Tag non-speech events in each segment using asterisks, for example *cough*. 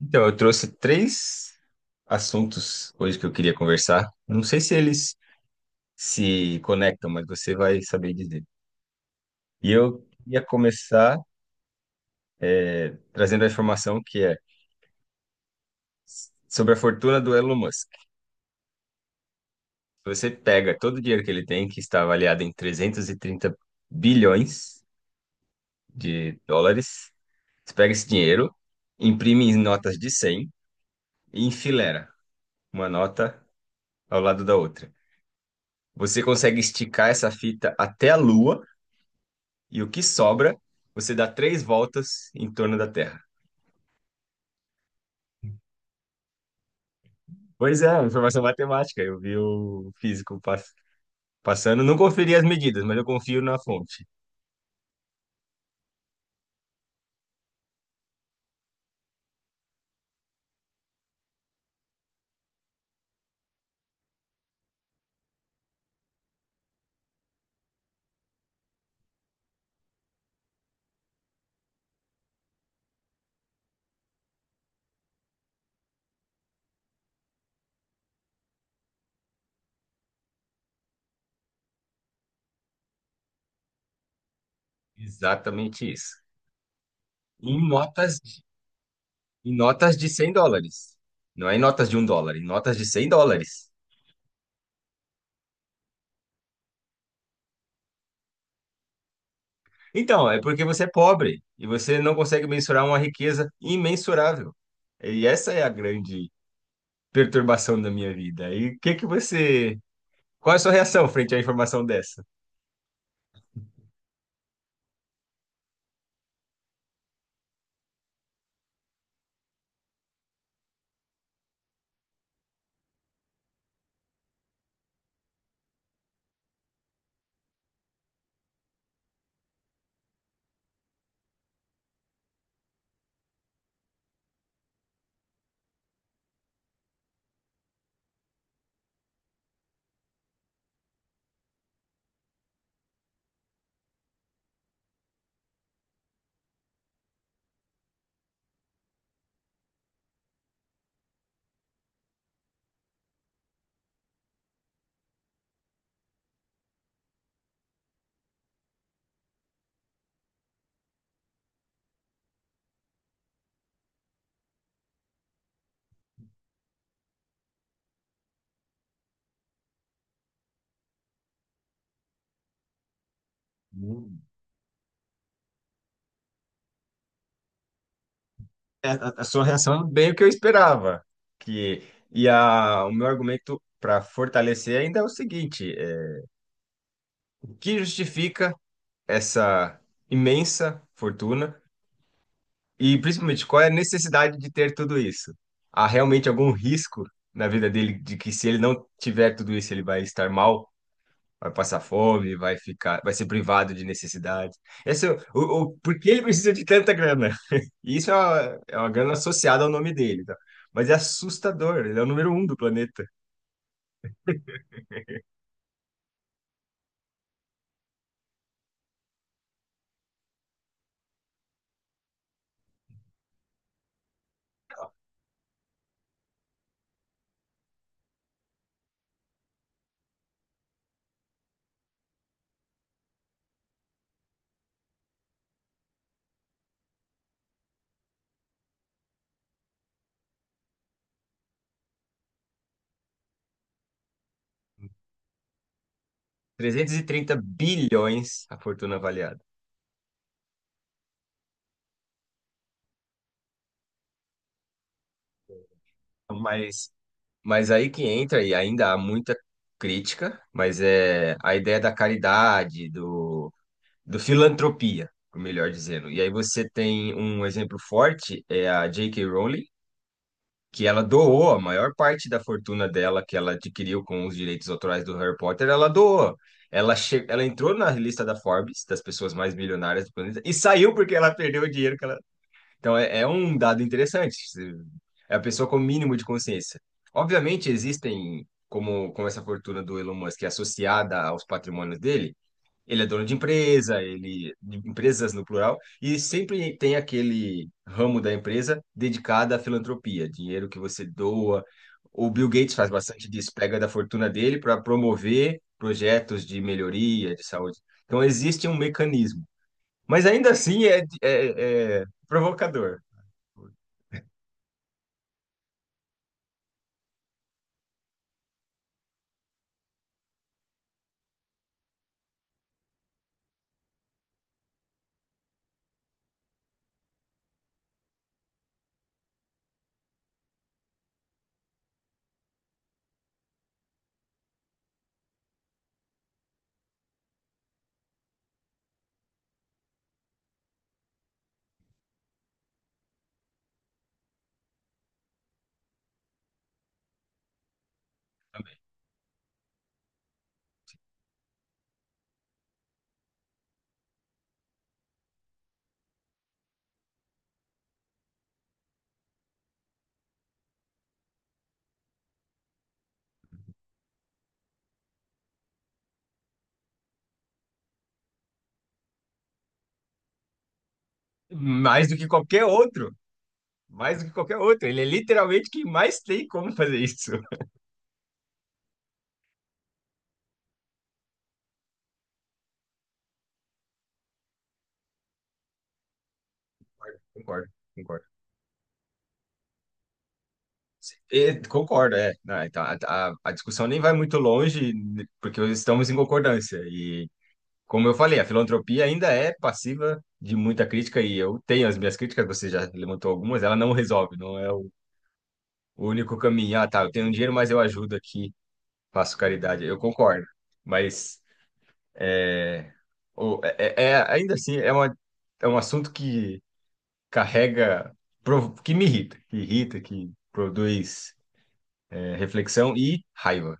Então, eu trouxe três assuntos hoje que eu queria conversar. Não sei se eles se conectam, mas você vai saber dizer. E eu ia começar trazendo a informação que é sobre a fortuna do Elon Musk. Se você pega todo o dinheiro que ele tem, que está avaliado em 330 bilhões de dólares, você pega esse dinheiro, imprime em notas de 100 e enfileira uma nota ao lado da outra. Você consegue esticar essa fita até a Lua e o que sobra, você dá três voltas em torno da Terra. Pois é, informação matemática. Eu vi o físico passando, não conferi as medidas, mas eu confio na fonte. Exatamente isso. Em notas, de- em notas de US$ 100. Não é em notas de US$ 1, em notas de US$ 100. Então, é porque você é pobre e você não consegue mensurar uma riqueza imensurável. E essa é a grande perturbação da minha vida. E o que que você... Qual é a sua reação frente à informação dessa? A sua reação é bem o que eu esperava. Que, o meu argumento para fortalecer ainda é o seguinte: o que justifica essa imensa fortuna e principalmente qual é a necessidade de ter tudo isso? Há realmente algum risco na vida dele de que se ele não tiver tudo isso, ele vai estar mal? Vai passar fome, vai ficar, vai ser privado de necessidades. Esse, é o- por que ele precisa de tanta grana? E isso é uma grana associada ao nome dele, tá? Mas é assustador, ele é o número um do planeta. Trezentos e trinta bilhões a fortuna avaliada. Então, Mas, mas aí que entra, e ainda há muita crítica, mas é a ideia da caridade, do filantropia, melhor dizendo. E aí você tem um exemplo forte, é a J.K. Rowling, que ela doou a maior parte da fortuna dela que ela adquiriu com os direitos autorais do Harry Potter, ela doou. Ela entrou na lista da Forbes, das pessoas mais milionárias do planeta, e saiu porque ela perdeu o dinheiro que ela. Então é um dado interessante. É a pessoa com o mínimo de consciência. Obviamente existem, como, como essa fortuna do Elon Musk é associada aos patrimônios dele, ele é dono de empresa, ele de empresas no plural, e sempre tem aquele ramo da empresa dedicado à filantropia, dinheiro que você doa. O Bill Gates faz bastante disso, pega da fortuna dele para promover projetos de melhoria de saúde. Então existe um mecanismo, mas ainda assim é provocador também. Mais do que qualquer outro, mais do que qualquer outro. Ele é literalmente quem mais tem como fazer isso. *laughs* Concordo, concordo. Concordo, é. Não, então, a discussão nem vai muito longe, né, porque estamos em concordância. E, como eu falei, a filantropia ainda é passiva de muita crítica, e eu tenho as minhas críticas, você já levantou algumas, ela não resolve, não é o único caminho. Ah, tá, eu tenho dinheiro, mas eu ajudo aqui, faço caridade. Eu concordo. Mas é, ainda assim, é um assunto que carrega, que me irrita, que produz reflexão e raiva.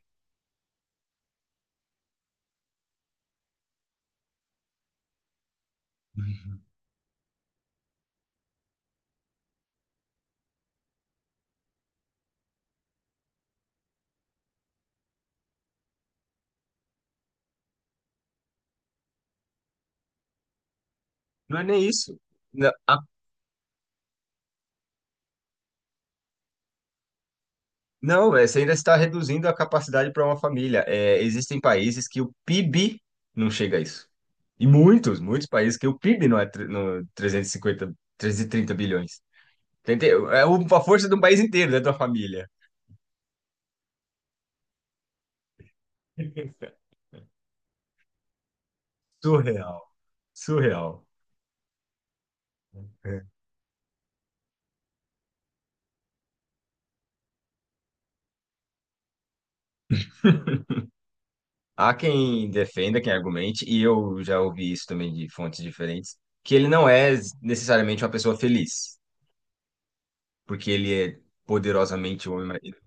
Não é nem isso. Não, não, você ainda está reduzindo a capacidade para uma família. É, existem países que o PIB não chega a isso. E muitos, muitos países que o PIB não é no 350, 330 bilhões. A força de um país inteiro, né, de uma família. *laughs* Surreal. Surreal. É. Há quem defenda, quem argumente, e eu já ouvi isso também de fontes diferentes, que ele não é necessariamente uma pessoa feliz, porque ele é poderosamente um homem.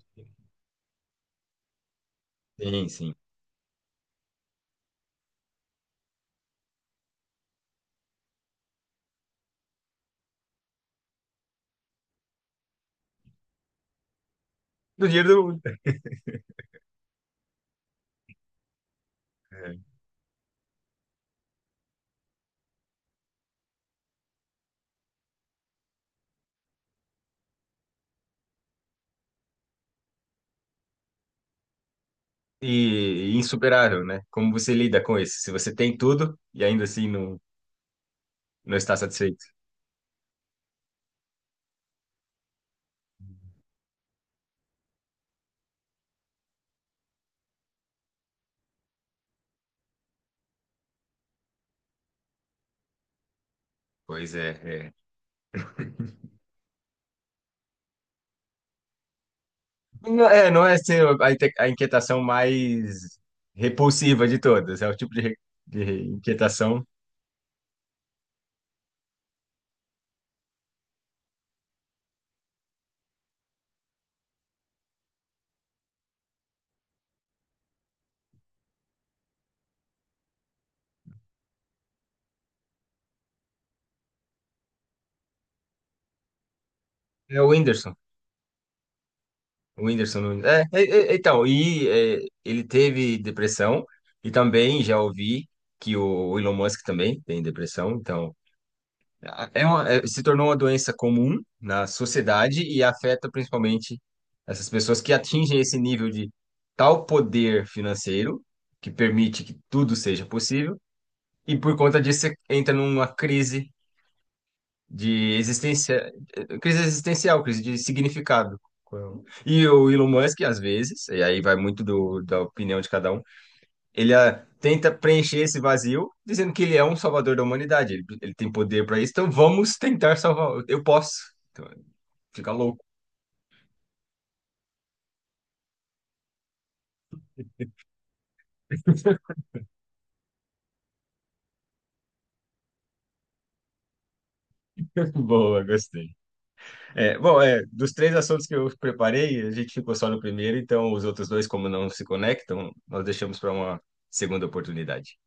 Sim, sim. Do dinheiro do mundo. É. E, e insuperável, né? Como você lida com isso? Se você tem tudo e ainda assim não, não está satisfeito. Pois é, é. Não é, não é assim, a inquietação mais repulsiva de todas. É o tipo de inquietação. É o Whindersson. O Whindersson Nunes. Então, ele teve depressão e também já ouvi que o Elon Musk também tem depressão. Então, se tornou uma doença comum na sociedade e afeta principalmente essas pessoas que atingem esse nível de tal poder financeiro que permite que tudo seja possível, e por conta disso você entra numa crise de existência, crise existencial, crise de significado. E o Elon Musk, às vezes, e aí vai muito da opinião de cada um. Ele tenta preencher esse vazio, dizendo que ele é um salvador da humanidade. Ele tem poder para isso, então vamos tentar salvar. Eu posso. Então, fica louco. *laughs* Boa, gostei. Bom, dos três assuntos que eu preparei, a gente ficou só no primeiro, então os outros dois, como não se conectam, nós deixamos para uma segunda oportunidade.